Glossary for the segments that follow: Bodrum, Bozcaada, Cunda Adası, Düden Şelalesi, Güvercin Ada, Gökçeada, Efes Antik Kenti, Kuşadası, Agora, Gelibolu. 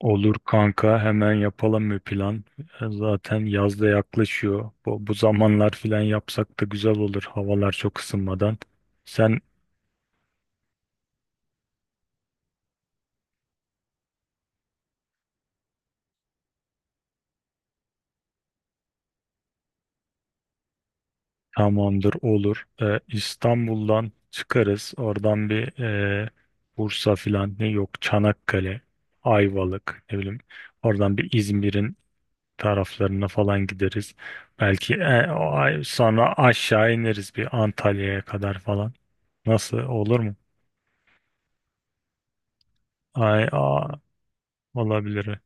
Olur kanka hemen yapalım bir plan. Zaten yaz da yaklaşıyor. Bu zamanlar filan yapsak da güzel olur havalar çok ısınmadan. Sen tamamdır olur. İstanbul'dan çıkarız. Oradan bir Bursa filan ne yok Çanakkale, Ayvalık ne bileyim. Oradan bir İzmir'in taraflarına falan gideriz. Belki sonra aşağı ineriz bir Antalya'ya kadar falan. Nasıl olur mu? Ay, a- Olabilir.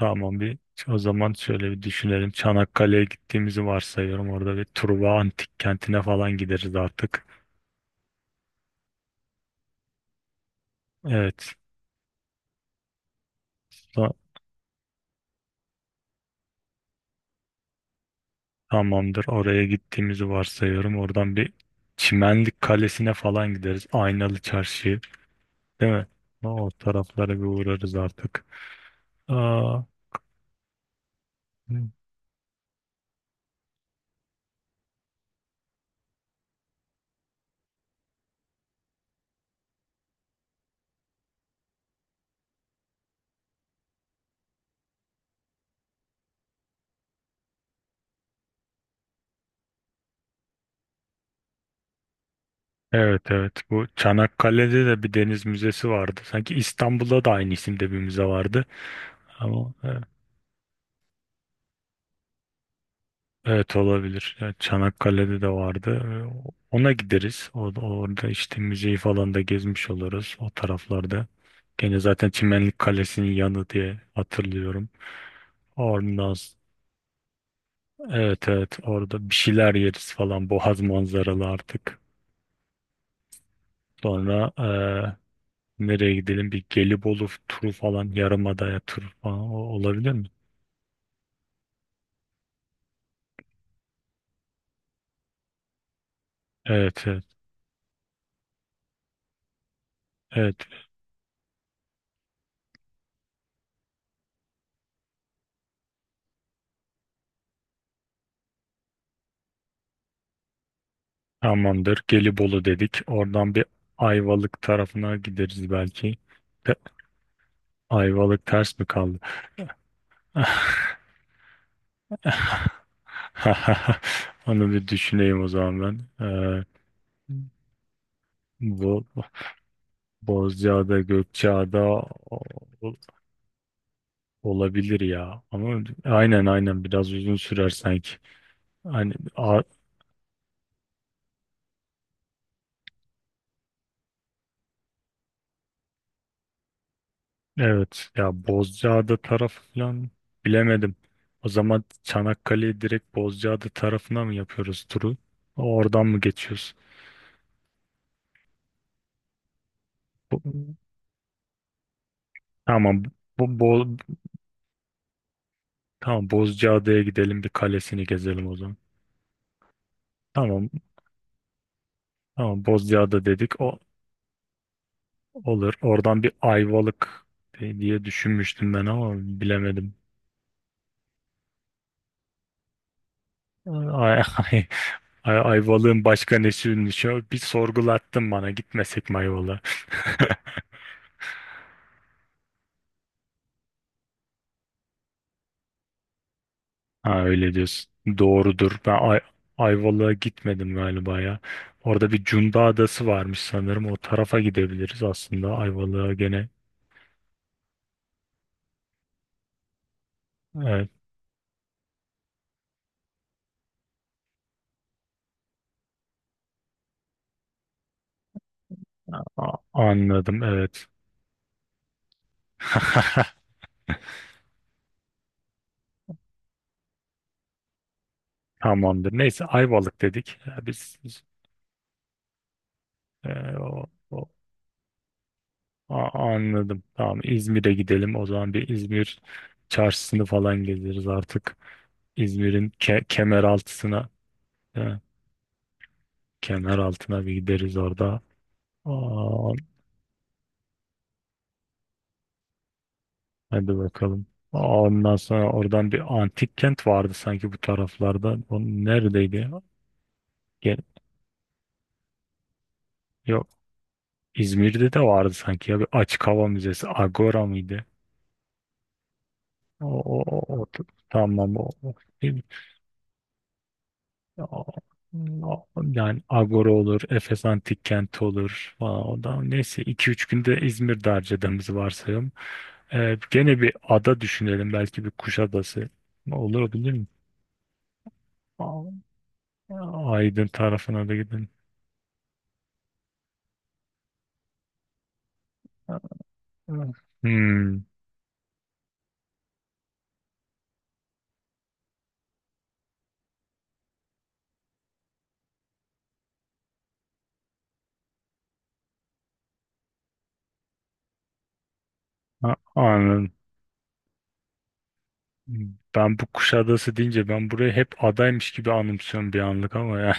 Tamam bir o zaman şöyle bir düşünelim. Çanakkale'ye gittiğimizi varsayıyorum. Orada bir Truva Antik Kenti'ne falan gideriz artık. Evet. Ta- Tamamdır. Oraya gittiğimizi varsayıyorum. Oradan bir Çimenlik Kalesi'ne falan gideriz. Aynalı Çarşı'yı. Değil mi? O taraflara bir uğrarız artık. Aa, evet evet. Bu Çanakkale'de de bir deniz müzesi vardı. Sanki İstanbul'da da aynı isimde bir müze vardı. Ama evet, olabilir. Yani Çanakkale'de de vardı. Ona gideriz. Orada işte müzeyi falan da gezmiş oluruz o taraflarda. Gene zaten Çimenlik Kalesi'nin yanı diye hatırlıyorum. Oradan s- evet evet, orada bir şeyler yeriz falan Boğaz manzaralı artık. Sonra nereye gidelim? Bir Gelibolu turu falan Yarımada'ya turu falan olabilir mi? Evet evet evet, tamamdır. Gelibolu dedik. Oradan bir Ayvalık tarafına gideriz belki. Ayvalık ters mi kaldı? Onu bir düşüneyim o zaman ben. Bu Bozcaada, Gökçeada o- olabilir ya. Ama aynen aynen biraz uzun sürer sanki. Hani a- evet ya, Bozcaada tarafı falan bilemedim. O zaman Çanakkale'yi direkt Bozcaada tarafına mı yapıyoruz turu? Oradan mı geçiyoruz? Bu- Tamam. Bu, Tamam, Bozcaada'ya gidelim, bir kalesini gezelim o zaman. Tamam tamam, Bozcaada dedik, o olur. Oradan bir Ayvalık diye düşünmüştüm ben, ama bilemedim. Ay, ay, Ayvalık'ın başka nesiymiş ya? Bir sorgulattın bana, gitmesek mi Ayvalık'a? Ha, öyle diyorsun. Doğrudur. Ben Ayvalık'a gitmedim galiba ya. Orada bir Cunda Adası varmış sanırım. O tarafa gidebiliriz aslında Ayvalık'a gene. Evet. Anladım, evet. Tamamdır. Neyse, Ayvalık dedik. Ya Biz, biz, e, o, o- a- anladım. Tamam, İzmir'e gidelim. O zaman bir İzmir çarşısını falan gezeriz artık. İzmir'in ke kemer altına kemer altına bir gideriz orada. Aa, hadi bakalım. Ondan sonra oradan bir antik kent vardı sanki bu taraflarda. O neredeydi ya? Ge- Yok, İzmir'de de vardı sanki ya, bir açık hava müzesi. Agora mıydı? O, o, o, o- tamam, o. Ya, yani Agora olur, Efes Antik Kenti olur falan. O da neyse 2 üç günde İzmir'de harcadığımızı varsayalım. Gene bir ada düşünelim. Belki bir Kuşadası. Olur, bilir mi? Aa, Aydın tarafına da gidelim. Hmm, anladım. Bu Kuşadası deyince ben burayı hep adaymış gibi anımsıyorum bir anlık, ama yani.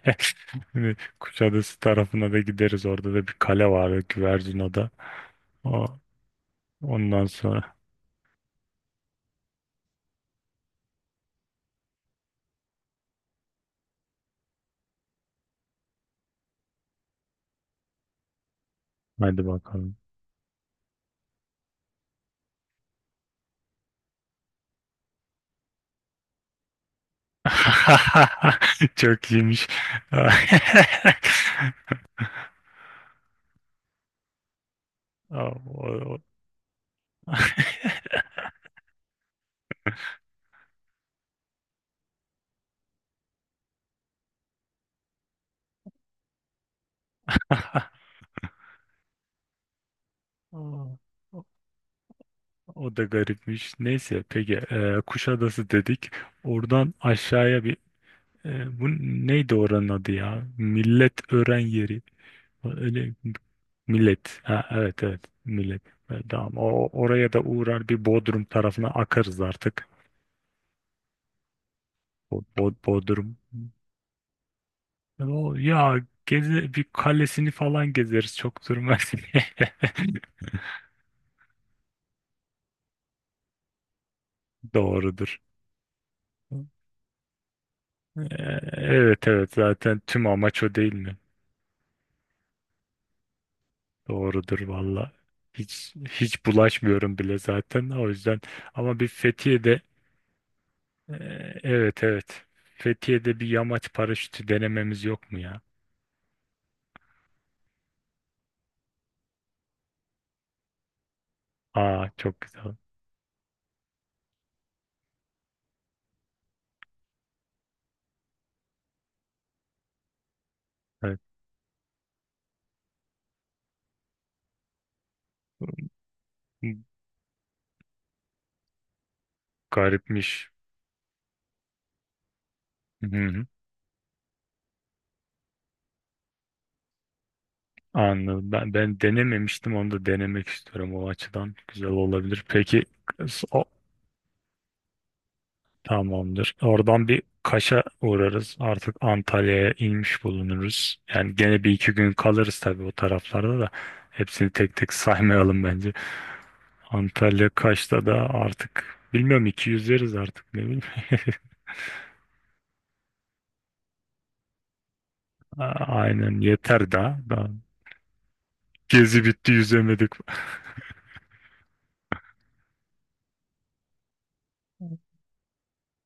Hani Kuşadası tarafına da gideriz. Orada da bir kale var. Güvercin Ada. Ondan sonra hadi bakalım. Çok iyiymiş. Aa, O, o- o da garipmiş. Neyse, peki Kuşadası dedik. Oradan aşağıya bir e, bu neydi oranın adı ya? Milletören yeri. Öyle, millet. Ha, evet evet, millet. Tamam. Oraya da uğrar, bir Bodrum tarafına akarız artık. Bodrum. Ya geze, bir kalesini falan gezeriz, çok durmaz. Doğrudur. Evet evet, zaten tüm amaç o değil mi? Doğrudur valla. Hiç hiç bulaşmıyorum bile zaten o yüzden. Ama bir e, evet evet. Fethiye'de bir yamaç paraşütü denememiz yok mu ya? Aa çok güzel. Evet. Garipmiş. Hı hı. Anladım. Ben denememiştim, onu da denemek istiyorum o açıdan. Güzel olabilir. Tamamdır. Oradan bir Kaş'a uğrarız. Artık Antalya'ya inmiş bulunuruz. Yani gene bir iki gün kalırız tabii o taraflarda da. Hepsini tek tek saymayalım bence. Antalya Kaş'ta da artık bilmiyorum iki yüzeriz artık ne bileyim. A- Aynen, yeter daha. Daha. Gezi bitti, yüzemedik.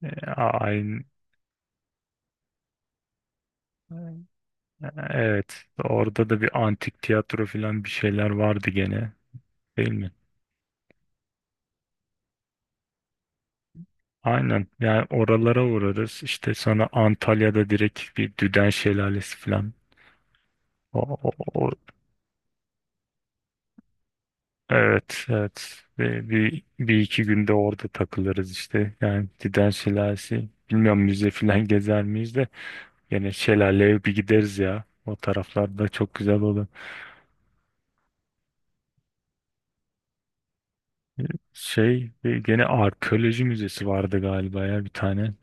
E, Aynen. Evet, orada da bir antik tiyatro falan bir şeyler vardı gene, değil mi? Aynen. Yani oralara uğrarız. İşte sonra Antalya'da direkt bir Düden Şelalesi falan. O, o- o- evet, evet. Ve bir iki günde orada takılırız işte. Yani Düden Şelalesi. Bilmiyorum, müze falan gezer miyiz de. Yine şelaleye bir gideriz ya. O taraflarda çok güzel olur. Gene arkeoloji müzesi vardı galiba ya, bir tane.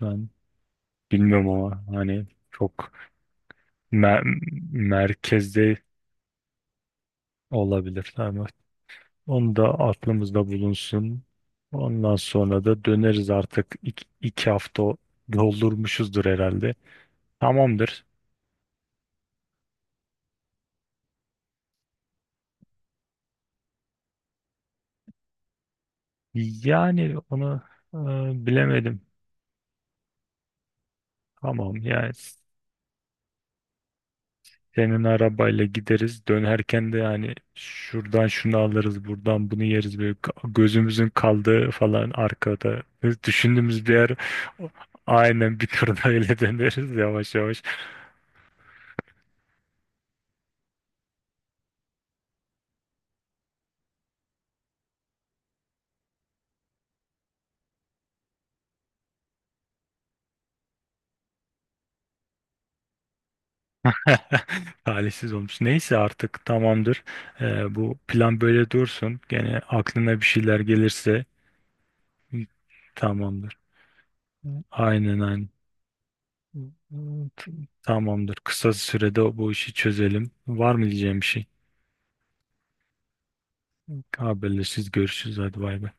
Bilmiyorum ama hani çok mer- merkezde olabilir. Ama onu da aklımızda bulunsun. Ondan sonra da döneriz artık, iki hafta doldurmuşuzdur herhalde. Tamamdır. Yani onu bilemedim. Tamam, yani senin arabayla gideriz. Dönerken de yani şuradan şunu alırız, buradan bunu yeriz. Böyle gözümüzün kaldığı falan arkada. Biz düşündüğümüz bir yer aynen bir turda öyle döneriz yavaş yavaş. Talihsiz olmuş. Neyse artık tamamdır. Bu plan böyle dursun. Gene aklına bir şeyler gelirse tamamdır. Aynen aynen. Tamamdır. Kısa sürede bu işi çözelim. Var mı diyeceğim bir şey? Haberleşiriz, görüşürüz. Hadi bay bay.